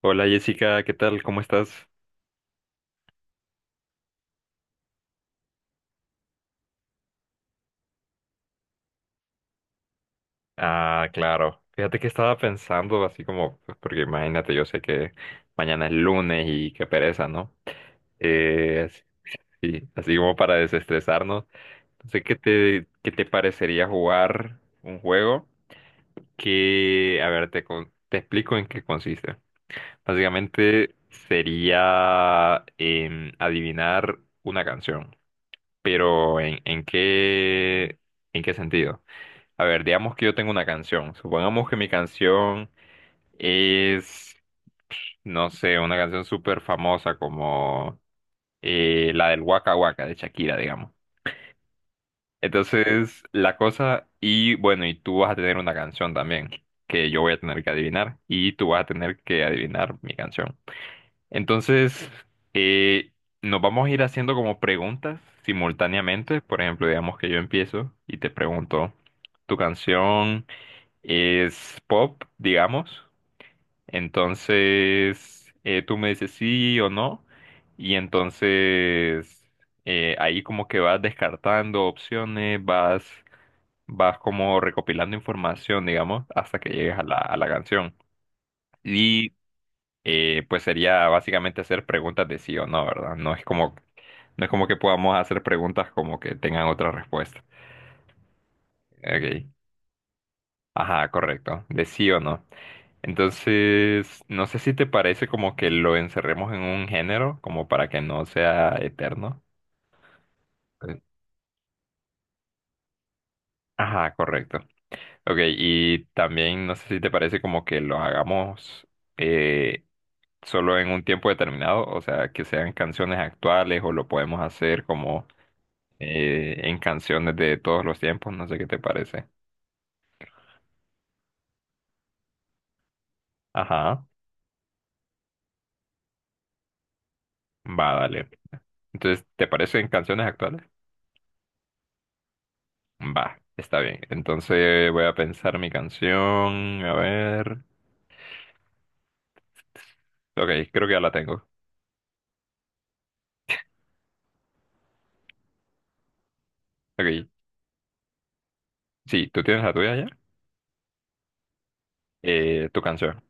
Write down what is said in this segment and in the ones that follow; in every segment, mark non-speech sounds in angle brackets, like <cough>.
Hola Jessica, ¿qué tal? ¿Cómo estás? Ah, claro. Fíjate que estaba pensando así como, pues, porque imagínate, yo sé que mañana es lunes y qué pereza, ¿no? Así, sí, así como para desestresarnos. Entonces, ¿qué te parecería jugar un juego que, a ver, te explico en qué consiste. Básicamente sería adivinar una canción, pero ¿en qué sentido? A ver, digamos que yo tengo una canción. Supongamos que mi canción es, no sé, una canción súper famosa como la del Waka Waka de Shakira, digamos. Entonces, la cosa, y bueno, y tú vas a tener una canción también, que yo voy a tener que adivinar, y tú vas a tener que adivinar mi canción. Entonces, eh, nos vamos a ir haciendo como preguntas simultáneamente. Por ejemplo, digamos que yo empiezo y te pregunto, ¿tu es pop, digamos? Entonces, tú me dices sí o no. Y entonces, ahí como que vas descartando opciones, vas, vas como recopilando información, digamos, hasta que llegues a la canción. Y pues sería básicamente hacer preguntas de sí o no, ¿verdad? No es como que podamos hacer preguntas como que tengan otra respuesta. Ok. Ajá, correcto. De sí o no. Entonces, no sé si te parece como que lo encerremos en un género, como para que no sea eterno. Eh, Ajá, correcto. Ok, y también no sé si te parece como que lo hagamos eh, solo en un tiempo determinado, o sea, que sean canciones actuales o lo podemos hacer como en canciones de todos los tiempos, no sé qué te parece. Ajá, va, dale. Entonces, ¿te parece en canciones actuales? Va, está bien. Entonces voy a pensar mi canción. A ver. Ok, creo que ya la tengo. Ok. Sí, ¿tú tienes la tuya ya? Tu canción.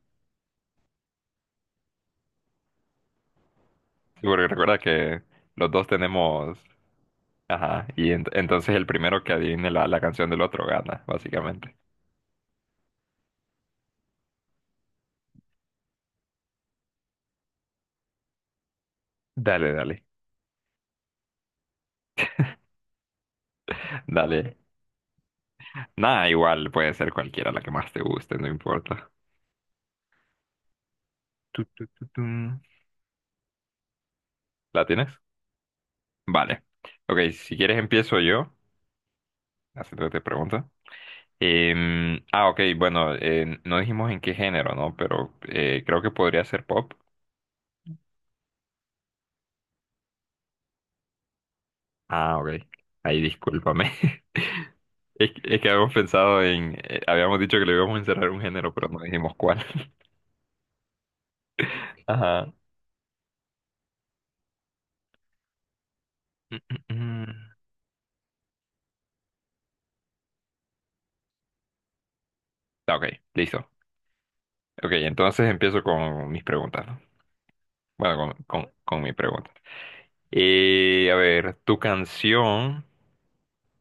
Sí, porque recuerda que los dos tenemos. Ajá. Y entonces el primero que adivine la, la canción del otro gana, básicamente. Dale, dale. Dale. Nada, igual puede ser cualquiera la que más te guste, no importa. Tu, tum. ¿La tienes? Vale. Ok, si quieres empiezo yo, haciéndote pregunta. Ok, bueno, no dijimos en qué género, ¿no? Pero creo que podría ser pop. Ah, ok. Ahí discúlpame. <laughs> Es que habíamos pensado en, habíamos dicho que le íbamos a encerrar un género, pero no dijimos cuál. <laughs> Ajá. Mm, mm, mm. Ah, ok, listo. Ok, entonces empiezo con mis preguntas, ¿no? Bueno, con mi pregunta. A ver, tu canción.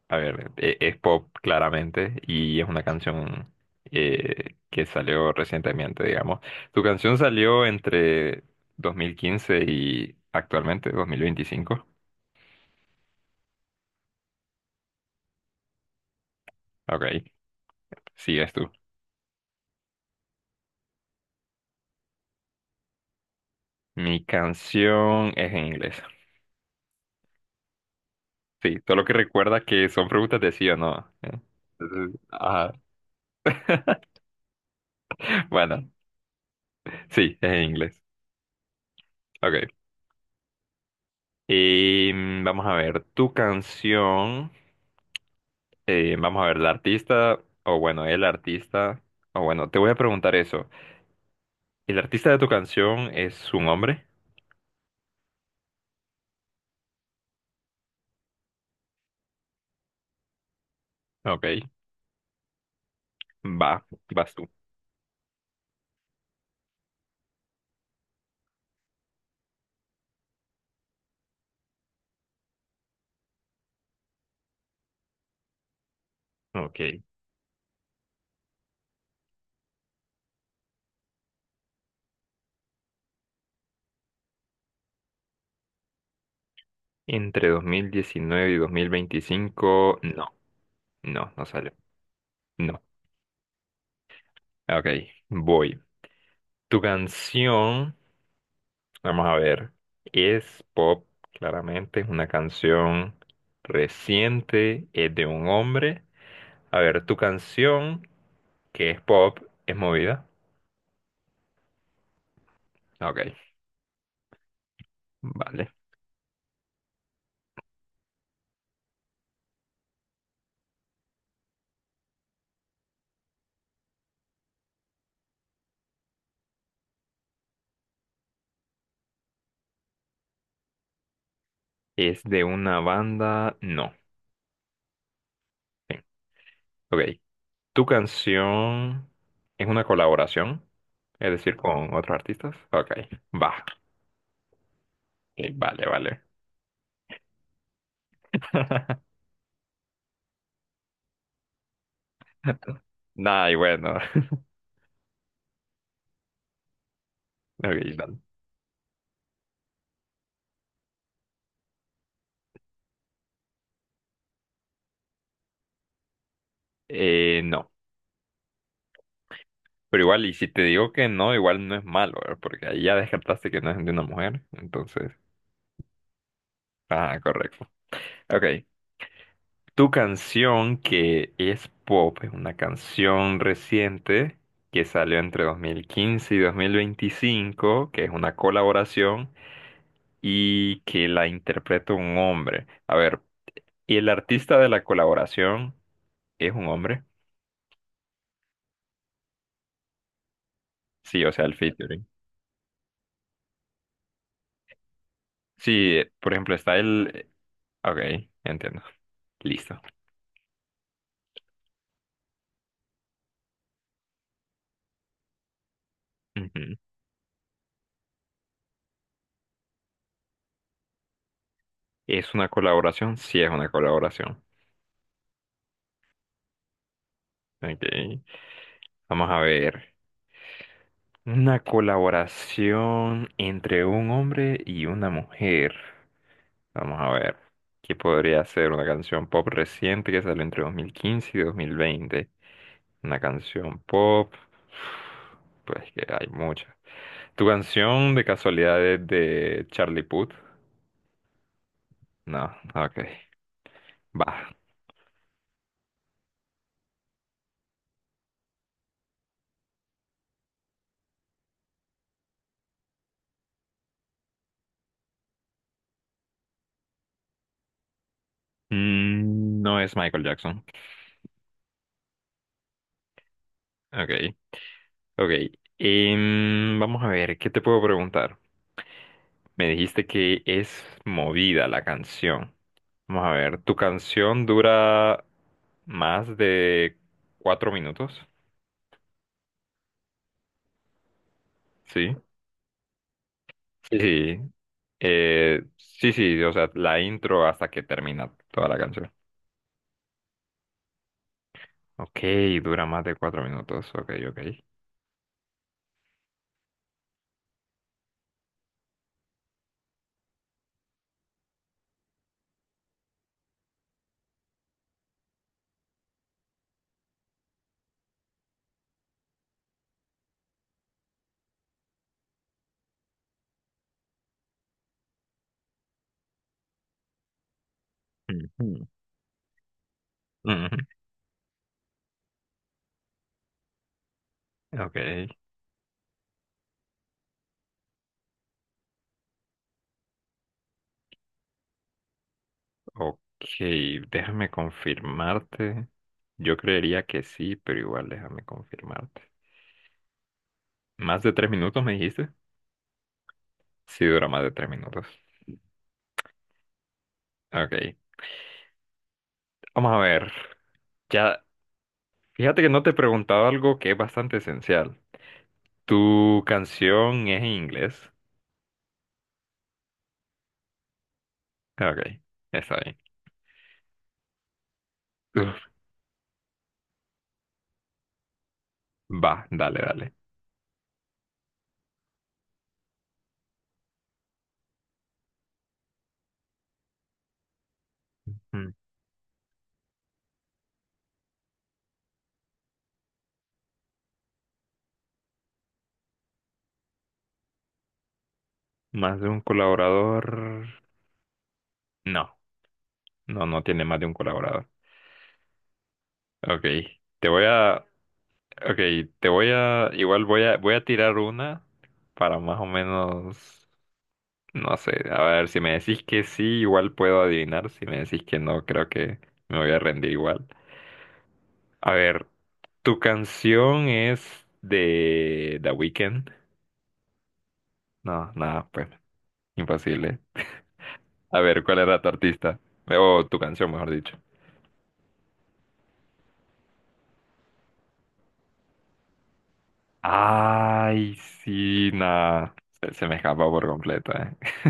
A ver, es pop claramente y es una canción que salió recientemente, digamos. Tu canción salió entre 2015 y actualmente 2025. Ok, sigues tú. Mi canción es en inglés. Sí, solo que recuerda que son preguntas de sí o no, ¿eh? Entonces, ajá. <laughs> Bueno, sí, es en inglés. Ok. Y mm, vamos a ver, tu canción. Vamos a ver, la artista, o bueno, el artista, o bueno, te voy a preguntar eso. ¿El artista de tu canción es un hombre? Ok, va, vas tú. Ok, entre 2019 y 2025, no, no, no sale. No, ok, voy. Tu canción, vamos a ver, es pop, claramente, es una canción reciente, es de un hombre. A ver, tu canción, que es pop, es movida. Ok. Vale. ¿Es de una banda? No. Bien. Ok. ¿Tu canción es una colaboración? Es decir, con otros artistas. Ok. Va. Ok, vale, vale. <laughs> Nah, y bueno. <laughs> Ok, dale. No. Pero igual, y si te digo que no, igual no es malo, ¿verdad? Porque ahí ya descartaste que no es de una mujer. Entonces. Ah, correcto. Ok. Tu canción que es pop, es una canción reciente que salió entre 2015 y 2025, que es una colaboración y que la interpreta un hombre. A ver, ¿y el artista de la colaboración es un hombre? Sí, o sea, el featuring. Sí, por ejemplo, está el... Ok, entiendo. Listo. Ujú. ¿Es una colaboración? Sí, es una colaboración. Ok, vamos a ver. Una colaboración entre un hombre y una mujer. Vamos a ver. ¿Qué podría ser? Una canción pop reciente que salió entre 2015 y 2020. Una canción pop. Pues que hay muchas. ¿Tu canción de casualidad es de Charlie Puth? No, ok. Va. Mm, no es Michael Jackson. Ok, ok. Vamos a ver, ¿qué te puedo preguntar? Me dijiste que es movida la canción. Vamos a ver, ¿tu canción dura más de 4 minutos? Sí. Sí. Sí, sí, o sea, la intro hasta que termina toda la canción. Ok, dura más de 4 minutos. Ok, ok. Ujú. Ujú. Ok, ok, déjame confirmarte. Yo creería que sí, pero igual déjame confirmarte. ¿Más de 3 minutos me dijiste? Sí, dura más de 3 minutos. Ok, vamos a ver. Ya. Fíjate que no te he preguntado algo que es bastante esencial. ¿Tu canción es en inglés? Ah, ok, está bien. Uf, va, dale, dale. Mm, ¿más de un colaborador? No, no, no tiene más de un colaborador. Ok, te voy a... Ok, te voy a... Igual voy a, voy a tirar una para más o menos... No sé, a ver, si me decís que sí, igual puedo adivinar. Si me decís que no, creo que me voy a rendir igual. A ver, ¿tu canción es de The Weeknd? No, nada, pues, imposible. A ver, ¿cuál era tu artista? O tu canción, mejor dicho. Ay, sí, nada. Se me escapa por completo, eh. <laughs>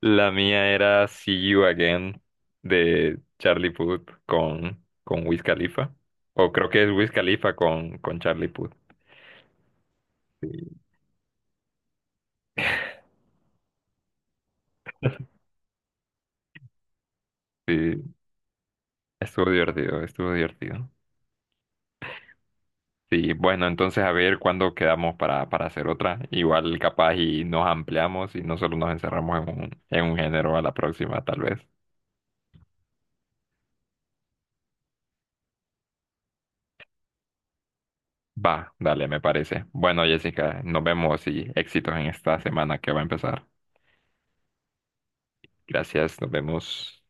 La mía era See You Again de Charlie Puth con Wiz Khalifa. O creo que es Wiz Khalifa con Charlie Puth. Sí, sí, estuvo divertido, estuvo divertido. Sí, bueno, entonces a ver cuándo quedamos para hacer otra. Igual capaz y nos ampliamos y no solo nos encerramos en un género a la próxima, tal vez. Va, dale, me parece. Bueno, Jessica, nos vemos y éxitos en esta semana que va a empezar. Gracias, nos vemos.